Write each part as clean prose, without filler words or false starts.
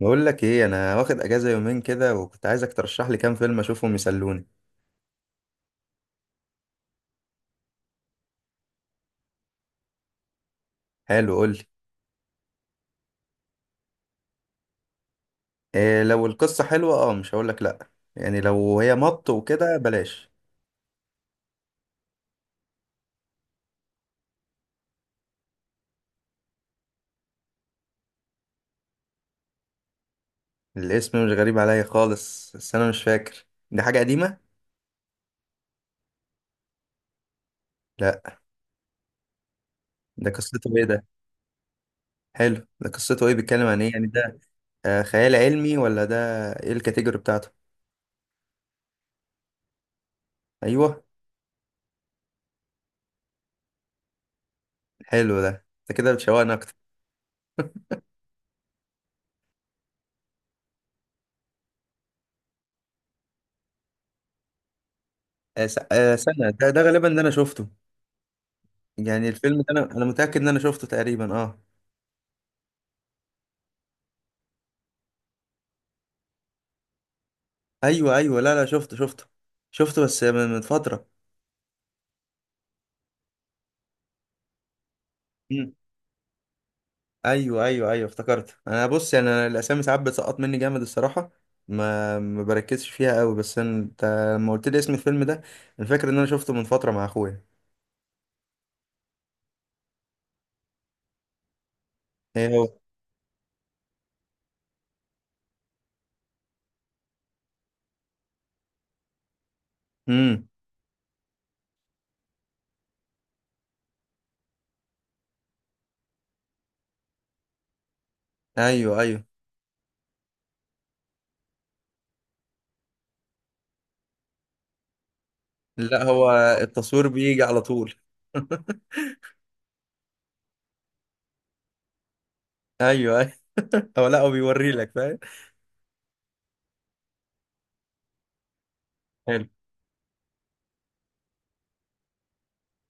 بقول لك ايه، انا واخد اجازه يومين كده وكنت عايزك ترشح لي كام فيلم اشوفهم يسلوني. حلو، قول لي. إيه، لو القصه حلوه اه مش هقول لك لا. يعني لو هي مط وكده بلاش. الاسم مش غريب عليا خالص، بس انا مش فاكر. دي حاجه قديمه. لا، ده قصته ايه ده؟ حلو، ده قصته ايه؟ بيتكلم عن ايه يعني ده؟ آه، خيال علمي ولا ده؟ ايه الكاتيجوري بتاعته؟ ايوه. حلو، ده انت كده بتشوقني اكتر. سنه ده غالبا ده انا شفته. يعني الفيلم ده انا متاكد ان انا شفته تقريبا اه. ايوه ايوه، لا لا، شفته شفته. شفته بس من فتره. مم. ايوه، ايوه، ايوه، افتكرت. انا بص، يعني انا الاسامي ساعات بتسقط مني جامد الصراحه. ما بركزش فيها قوي، بس انت، لما قلت لي اسم الفيلم ده، انا فاكر ان انا شفته من فتره مع اخويا. ايه هو؟ امم. ايوه ايوه. لا هو، التصوير بيجي على طول. ايوه ايوه. هو لا، هو بيوري لك، فاهم. حلو.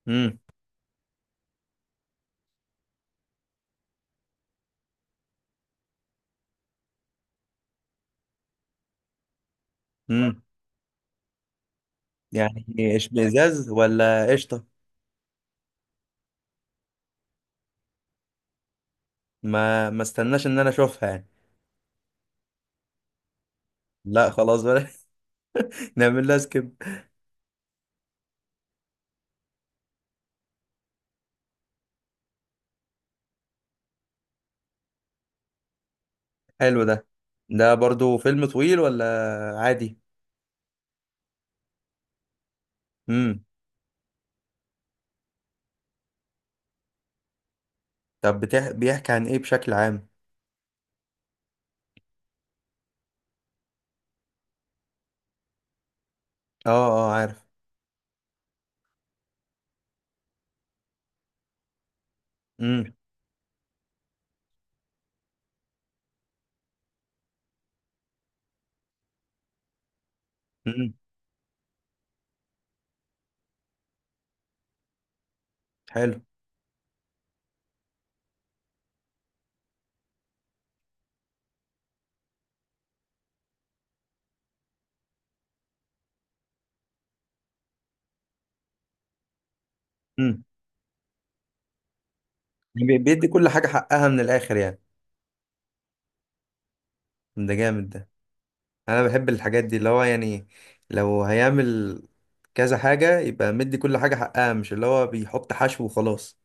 امم. امم. يعني اشمئزاز ولا قشطه؟ ما استناش ان انا اشوفها يعني. لا خلاص. نعمل لها سكيب. حلو ده. ده برضو فيلم طويل ولا؟ عادي؟ امم. طب بيحكي عن ايه بشكل عام؟ اه، اه، عارف. امم. امم. حلو. امم. بيدي كل حاجة حقها من الاخر يعني. ده جامد ده. انا بحب الحاجات دي اللي هو يعني، لو هيعمل كذا حاجة يبقى مدي كل حاجة حقها، مش اللي هو بيحط حشو وخلاص.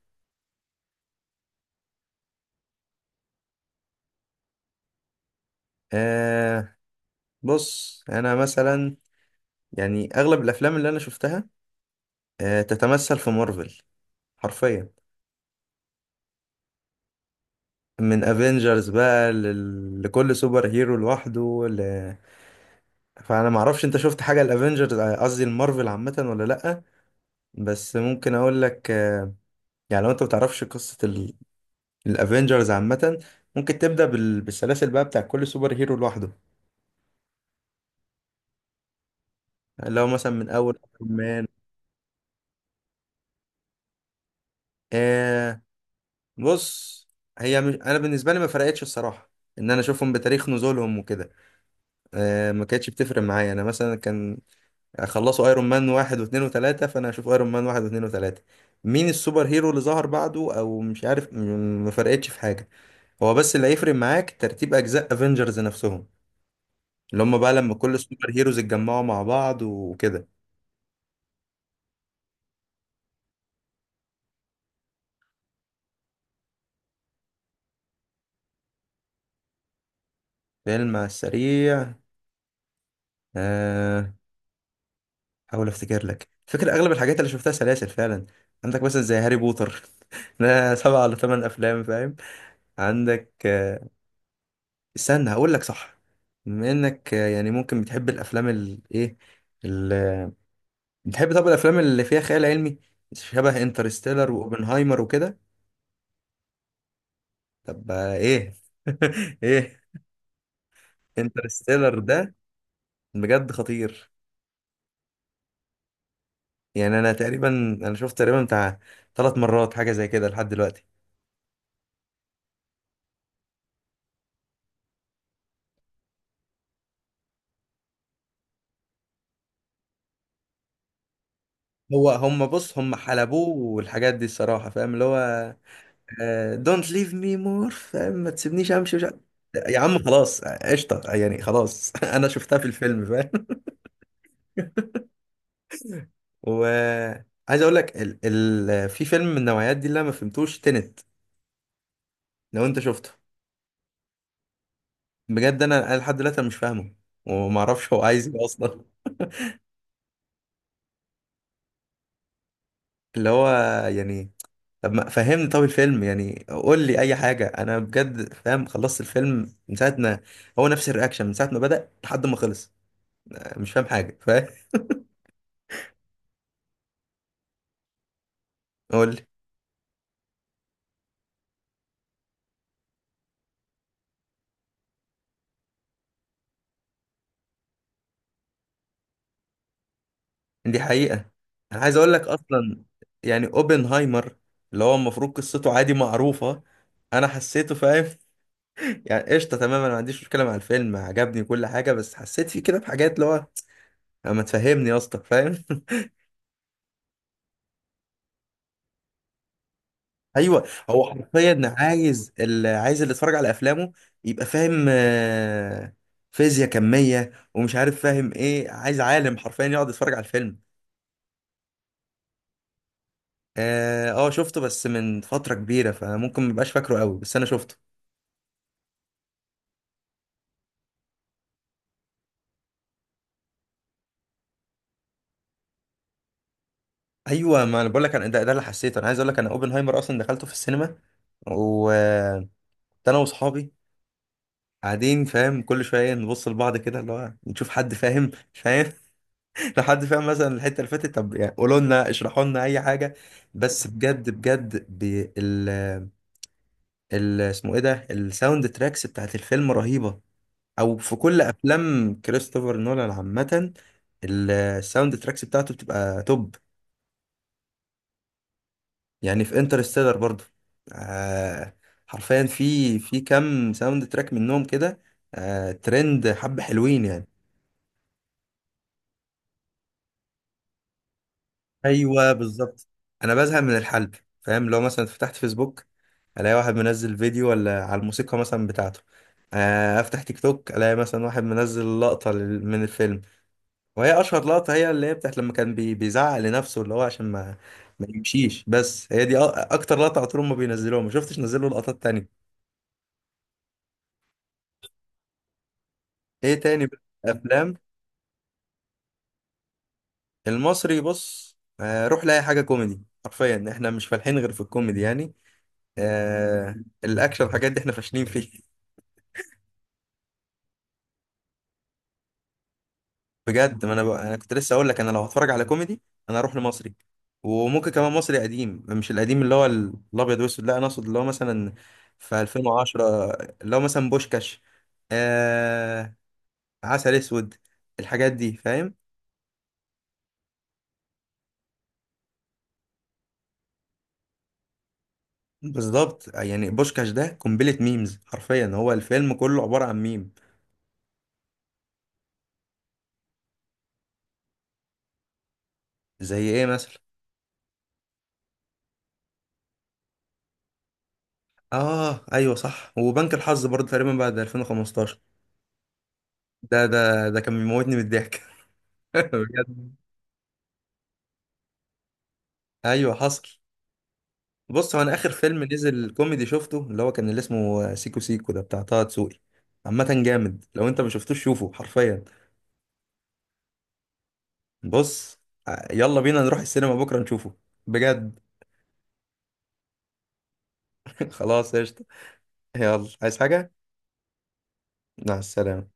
آه بص، انا مثلا، يعني اغلب الافلام اللي انا شفتها تتمثل في مارفل. حرفيا. من افنجرز بقى، لكل سوبر هيرو لوحده فانا ما اعرفش انت شفت حاجه الافنجرز، قصدي المارفل، عامه ولا لا. بس ممكن اقول لك، يعني لو انت ما تعرفش قصه الافنجرز عامه، ممكن تبدا بالسلاسل بقى بتاع كل سوبر هيرو لوحده. لو مثلا من اول ايرون مان. آه بص، هي مش... انا بالنسبه لي ما فرقتش الصراحه ان انا اشوفهم بتاريخ نزولهم وكده. ما كانتش بتفرق معايا، انا مثلا كان، يعني خلصوا ايرون مان واحد واثنين وثلاثة، فانا هشوف ايرون مان واحد واثنين وثلاثة. مين السوبر هيرو اللي ظهر بعده او مش عارف، ما فرقتش في حاجة. هو بس اللي هيفرق معاك ترتيب اجزاء افنجرز نفسهم، اللي هم بقى لما كل السوبر هيروز اتجمعوا مع بعض وكده. فيلم على السريع، آه، احاول افتكر لك. فكرة اغلب الحاجات اللي شفتها سلاسل فعلا. عندك مثلا زي هاري بوتر. ده سبعة ولا ثمان افلام، فاهم. عندك، استنى هقول لك صح. بما انك، يعني ممكن بتحب الافلام الايه، بتحب طب الافلام اللي فيها خيال علمي شبه انترستيلر واوبنهايمر وكده. طب ايه. ايه. انترستيلر ده بجد خطير. يعني انا تقريبا، انا شفت تقريبا بتاع ثلاث مرات حاجه زي كده لحد دلوقتي. هو هم بص، هم حلبوه والحاجات دي الصراحه، فاهم اللي هو، دونت ليف مي مور، فاهم، ما تسيبنيش امشي. يا عم خلاص قشطه يعني خلاص. انا شفتها في الفيلم، فاهم. وعايز اقول لك، في فيلم من النوعيات دي اللي انا ما فهمتوش تنت. لو انت شفته. بجد انا لحد دلوقتي أنا مش فاهمه، وما اعرفش هو عايز ايه اصلا. اللي هو، يعني طب ما فهمني، طب الفيلم يعني قول لي اي حاجه. انا بجد فاهم خلصت الفيلم من ساعه ما، هو نفس الرياكشن من ساعه ما بدأ لحد ما خلص. مش فاهم حاجه، فاهم. قول لي. دي حقيقة. انا عايز اقول لك اصلا، يعني اوبنهايمر اللي هو المفروض قصته عادي معروفة، انا حسيته، فاهم. يعني قشطة تماما، ما عنديش مشكلة مع الفيلم، عجبني كل حاجة، بس حسيت فيه كده بحاجات اللي هو ما تفهمني يا اسطى، فاهم. ايوه، هو حرفيا عايز اللي يتفرج على افلامه يبقى فاهم فيزياء كمية ومش عارف فاهم ايه، عايز عالم حرفيا يقعد يتفرج على الفيلم. اه، شفته بس من فترة كبيرة فممكن مبقاش فاكره قوي، بس انا شفته. ايوه، ما انا بقول لك، انا ده اللي حسيته. انا عايز اقول لك، انا اوبنهايمر اصلا دخلته في السينما وكنت انا واصحابي قاعدين، فاهم، كل شويه نبص لبعض كده اللي هو نشوف حد فاهم مش فاهم. لو حد فاهم مثلا الحته اللي فاتت طب يعني قولوا لنا اشرحوا لنا اي حاجه. بس بجد بجد. اسمه ايه ده، الساوند تراكس بتاعت الفيلم رهيبه، او في كل افلام كريستوفر نولان عامه. الساوند تراكس بتاعته بتبقى توب. يعني في انترستيلر برضو، آه حرفيا في كام ساوند تراك منهم كده ترند، حبة حلوين يعني. ايوه بالظبط. انا بزهق من الحلب. فاهم، لو مثلا فتحت فيسبوك الاقي واحد منزل فيديو ولا على الموسيقى مثلا بتاعته، افتح تيك توك الاقي مثلا واحد منزل لقطة من الفيلم. وهي اشهر لقطة، هي اللي هي بتاعت لما كان بيزعق لنفسه اللي هو عشان ما ما يمشيش. بس هي دي اكتر لقطة على طول ما بينزلوها، ما شفتش نزلوا لقطات تانية. ايه تاني بقى؟ افلام المصري، بص، روح لاي حاجه كوميدي. حرفيا احنا مش فالحين غير في الكوميدي يعني. آه الاكشن الحاجات دي احنا فاشلين فيه. بجد، ما انا انا كنت لسه اقول لك انا لو هتفرج على كوميدي انا اروح لمصري. وممكن كمان مصري قديم، مش القديم اللي هو الابيض واسود، لا انا اقصد اللي هو مثلا في 2010، اللي هو مثلا بوشكاش، آه عسل اسود، الحاجات دي فاهم. بالظبط، يعني بوشكاش ده قنبله ميمز، حرفيا هو الفيلم كله عباره عن ميم. زي ايه مثلا؟ اه ايوه صح، وبنك الحظ برضه تقريبا بعد 2015. ده كان بيموتني من الضحك. بجد. ايوه حصل. بص، هو انا اخر فيلم نزل كوميدي شفته اللي هو كان اللي اسمه سيكو سيكو، ده بتاع طه دسوقي. عامة جامد، لو انت ما شفتوش شوفه حرفيا. بص، يلا بينا نروح السينما بكرة نشوفه، بجد. خلاص قشطة. يلا، عايز حاجة؟ مع السلامة.